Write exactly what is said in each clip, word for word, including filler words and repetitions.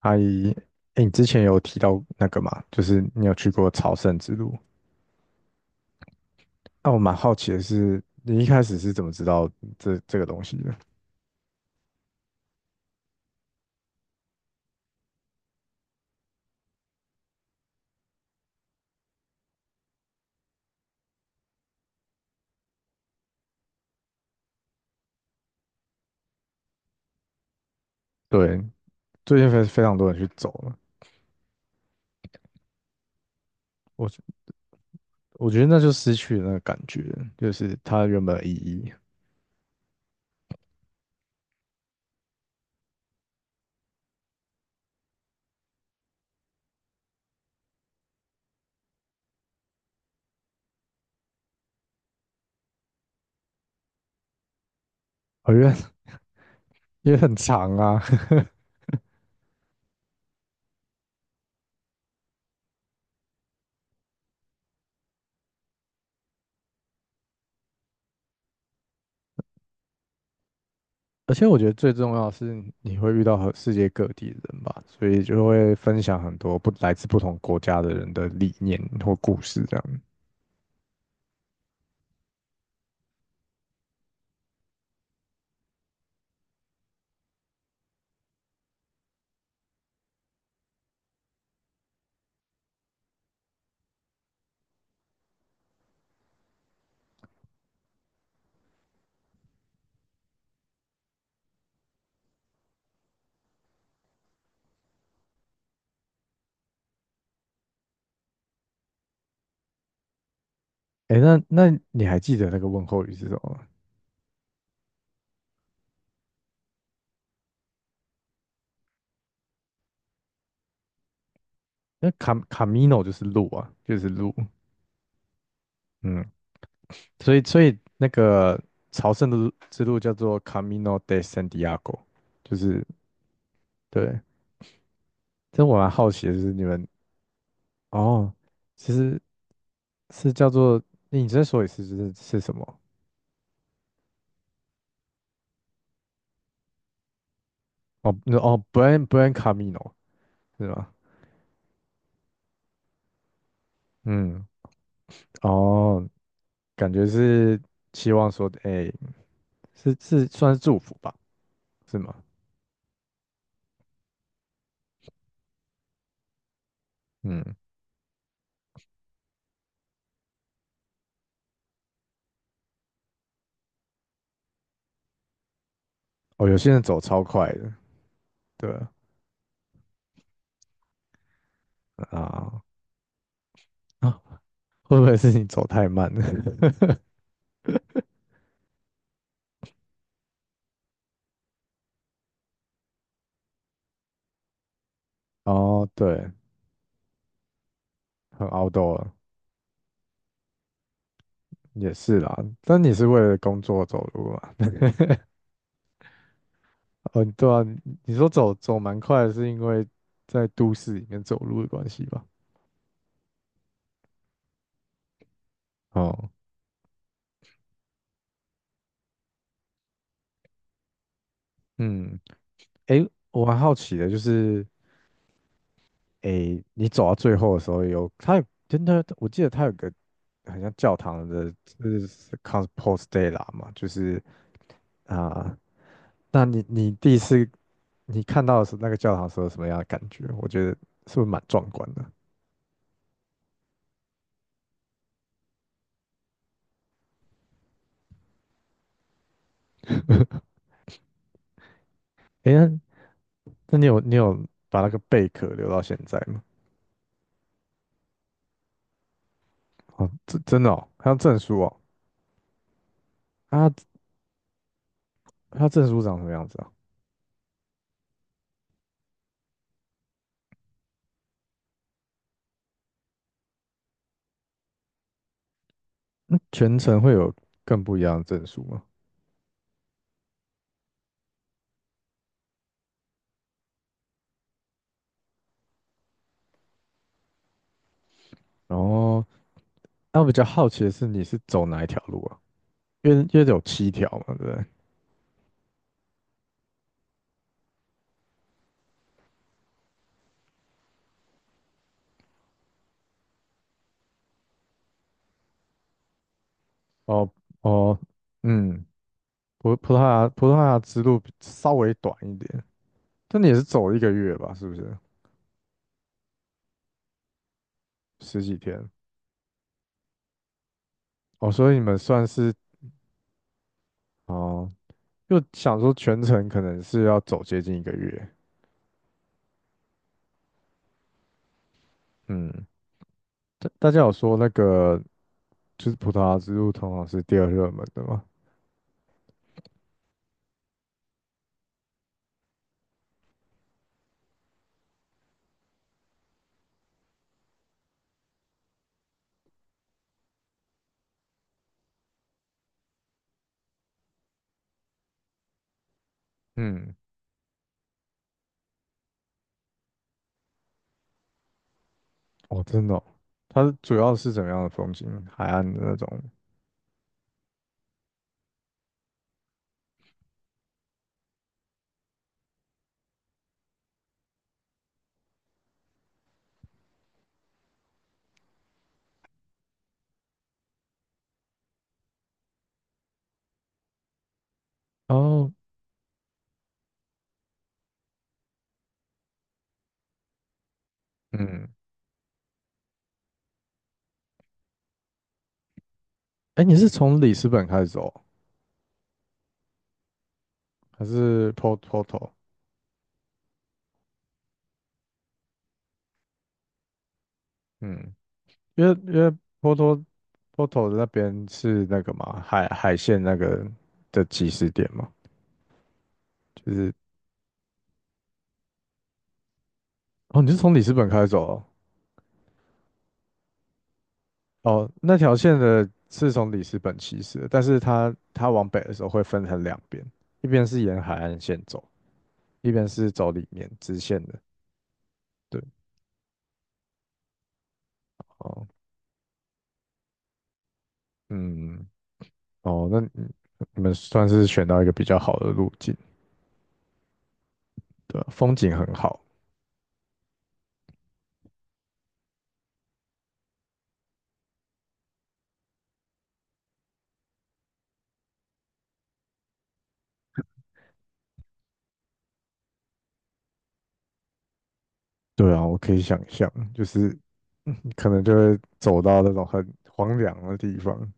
阿姨，哎，你之前有提到那个嘛，就是你有去过朝圣之路。那我蛮好奇的是，你一开始是怎么知道这这个东西的？对，最近非非常多人去走了，我我觉得那就失去了那个感觉，就是它原本的意义。哦，因为因为很长啊，而且我觉得最重要的是你会遇到和世界各地的人吧，所以就会分享很多不来自不同国家的人的理念或故事这样。哎，那那你还记得那个问候语是什么吗？那卡卡米诺就是路啊，就是路。嗯，所以所以那个朝圣的路之路叫做 Camino de Santiago，就是对。这我蛮好奇的，就是你们哦，其实是叫做你再说一次，就是是什么？哦，那哦，Buen Buen Camino。是吗？嗯，哦，感觉是希望说，哎、是是算是祝福吧，是吗？嗯，哦，有些人走超快的，对啊啊，啊会不会是你走太慢了？哦，对，很 outdoor 也是啦，但你是为了工作走路嘛？哦，对啊，你你说走走蛮快的，是因为在都市里面走路的关系吧？哦，嗯，诶，我蛮好奇的，就是诶，你走到最后的时候有，他有真的，我记得他有个很像教堂的，就是 Compos Dei 啦嘛，就是啊、那你你第一次你看到的是那个教堂的时候什么样的感觉？我觉得是不是蛮壮观的？诶，那那你有你有把那个贝壳留到现在吗？哦，真真的哦，还有证书哦，啊，它证书长什么样子啊？那全程会有更不一样的证书吗？然后，那我比较好奇的是，你是走哪一条路啊？因为因为有七条嘛，对不对？哦哦，嗯，葡葡萄牙葡萄牙之路比稍微短一点，但你也是走一个月吧？是不是？十几天？哦，所以你们算是哦，就想说全程可能是要走接近一个月。嗯，大大家有说那个就是葡萄牙之路通常是第二热门的吗？嗯，哦，真的哦，它主要是怎么样的风景？海岸的那种。哦，嗯，哎，你是从里斯本开始走哦，还是 Port Porto？嗯，因为因为波多波头的那边是那个嘛，海海线那个的起始点嘛，就是哦，你是从里斯本开始走哦，哦，那条线的是从里斯本起始的，但是它它往北的时候会分成两边，一边是沿海岸线走，一边是走里面直线的，对，哦，嗯，哦，那你你们算是选到一个比较好的路径，对啊风景很好。对啊，我可以想象，就是嗯可能就会走到那种很荒凉的地方。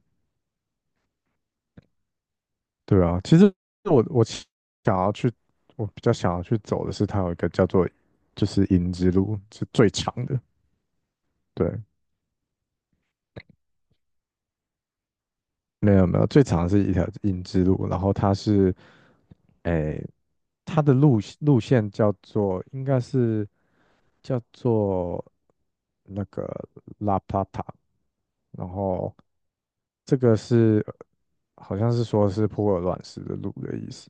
对啊，其实我我其想要去，我比较想要去走的是它有一个叫做就是银之路，是最长的。对，没有没有，最长的是一条银之路，然后它是诶，它的路路线叫做应该是叫做那个拉帕塔，然后这个是好像是说是普洱卵石的路的意思，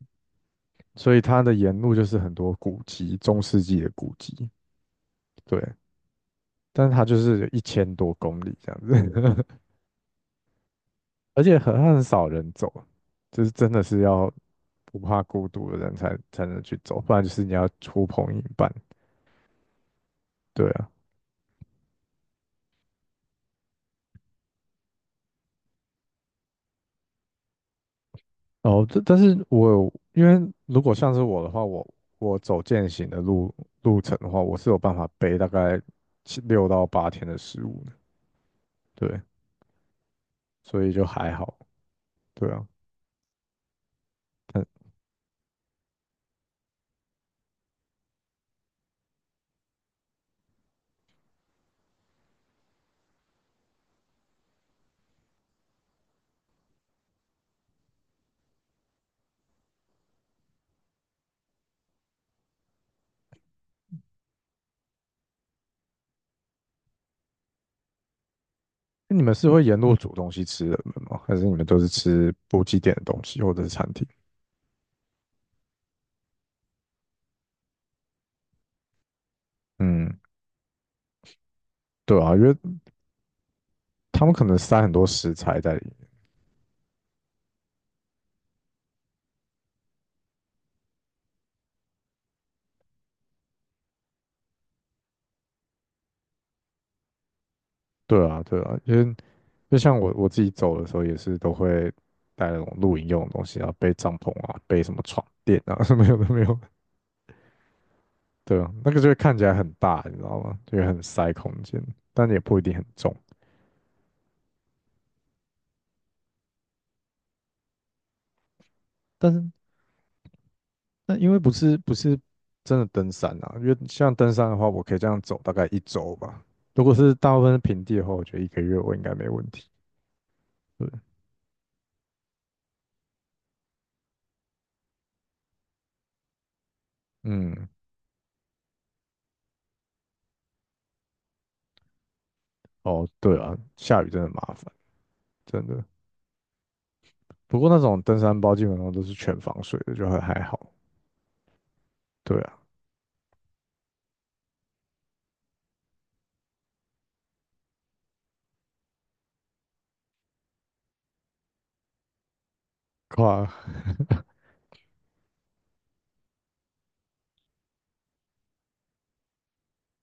所以它的沿路就是很多古迹，中世纪的古迹，对，但是它就是一千多公里这样子，而且很很少人走，就是真的是要不怕孤独的人才才能去走，不然就是你要呼朋引伴，对啊。哦，这但是我有因为如果像是我的话，我我走践行的路路程的话，我是有办法背大概七六到八天的食物的，对。所以就还好，对啊。但那你们是会沿路煮东西吃的人吗？还是你们都是吃补给点的东西或者是餐厅？嗯，对啊，因为他们可能塞很多食材在里面。对啊，对啊，因为就像我我自己走的时候也是都会带那种露营用的东西啊，背帐篷啊，背什么床垫啊，什么有的没有。对啊，那个就会看起来很大，你知道吗？就会很塞空间，但也不一定很重。但是那因为不是不是真的登山啊，因为像登山的话，我可以这样走大概一周吧。如果是大部分是平地的话，我觉得一个月我应该没问题。对，嗯，哦，对啊，下雨真的麻烦，真的。不过那种登山包基本上都是全防水的，就还还好。对啊，跨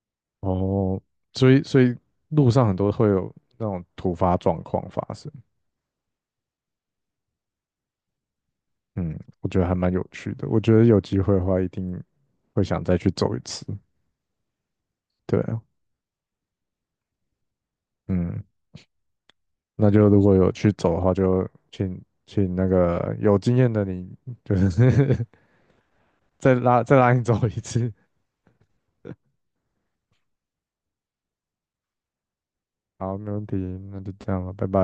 哦，所以所以路上很多会有那种突发状况发生。嗯，我觉得还蛮有趣的。我觉得有机会的话，一定会想再去走一次。对啊，嗯。那就如果有去走的话，就请请那个有经验的你，就是 再拉再拉你走一次。好，没问题，那就这样了，拜拜。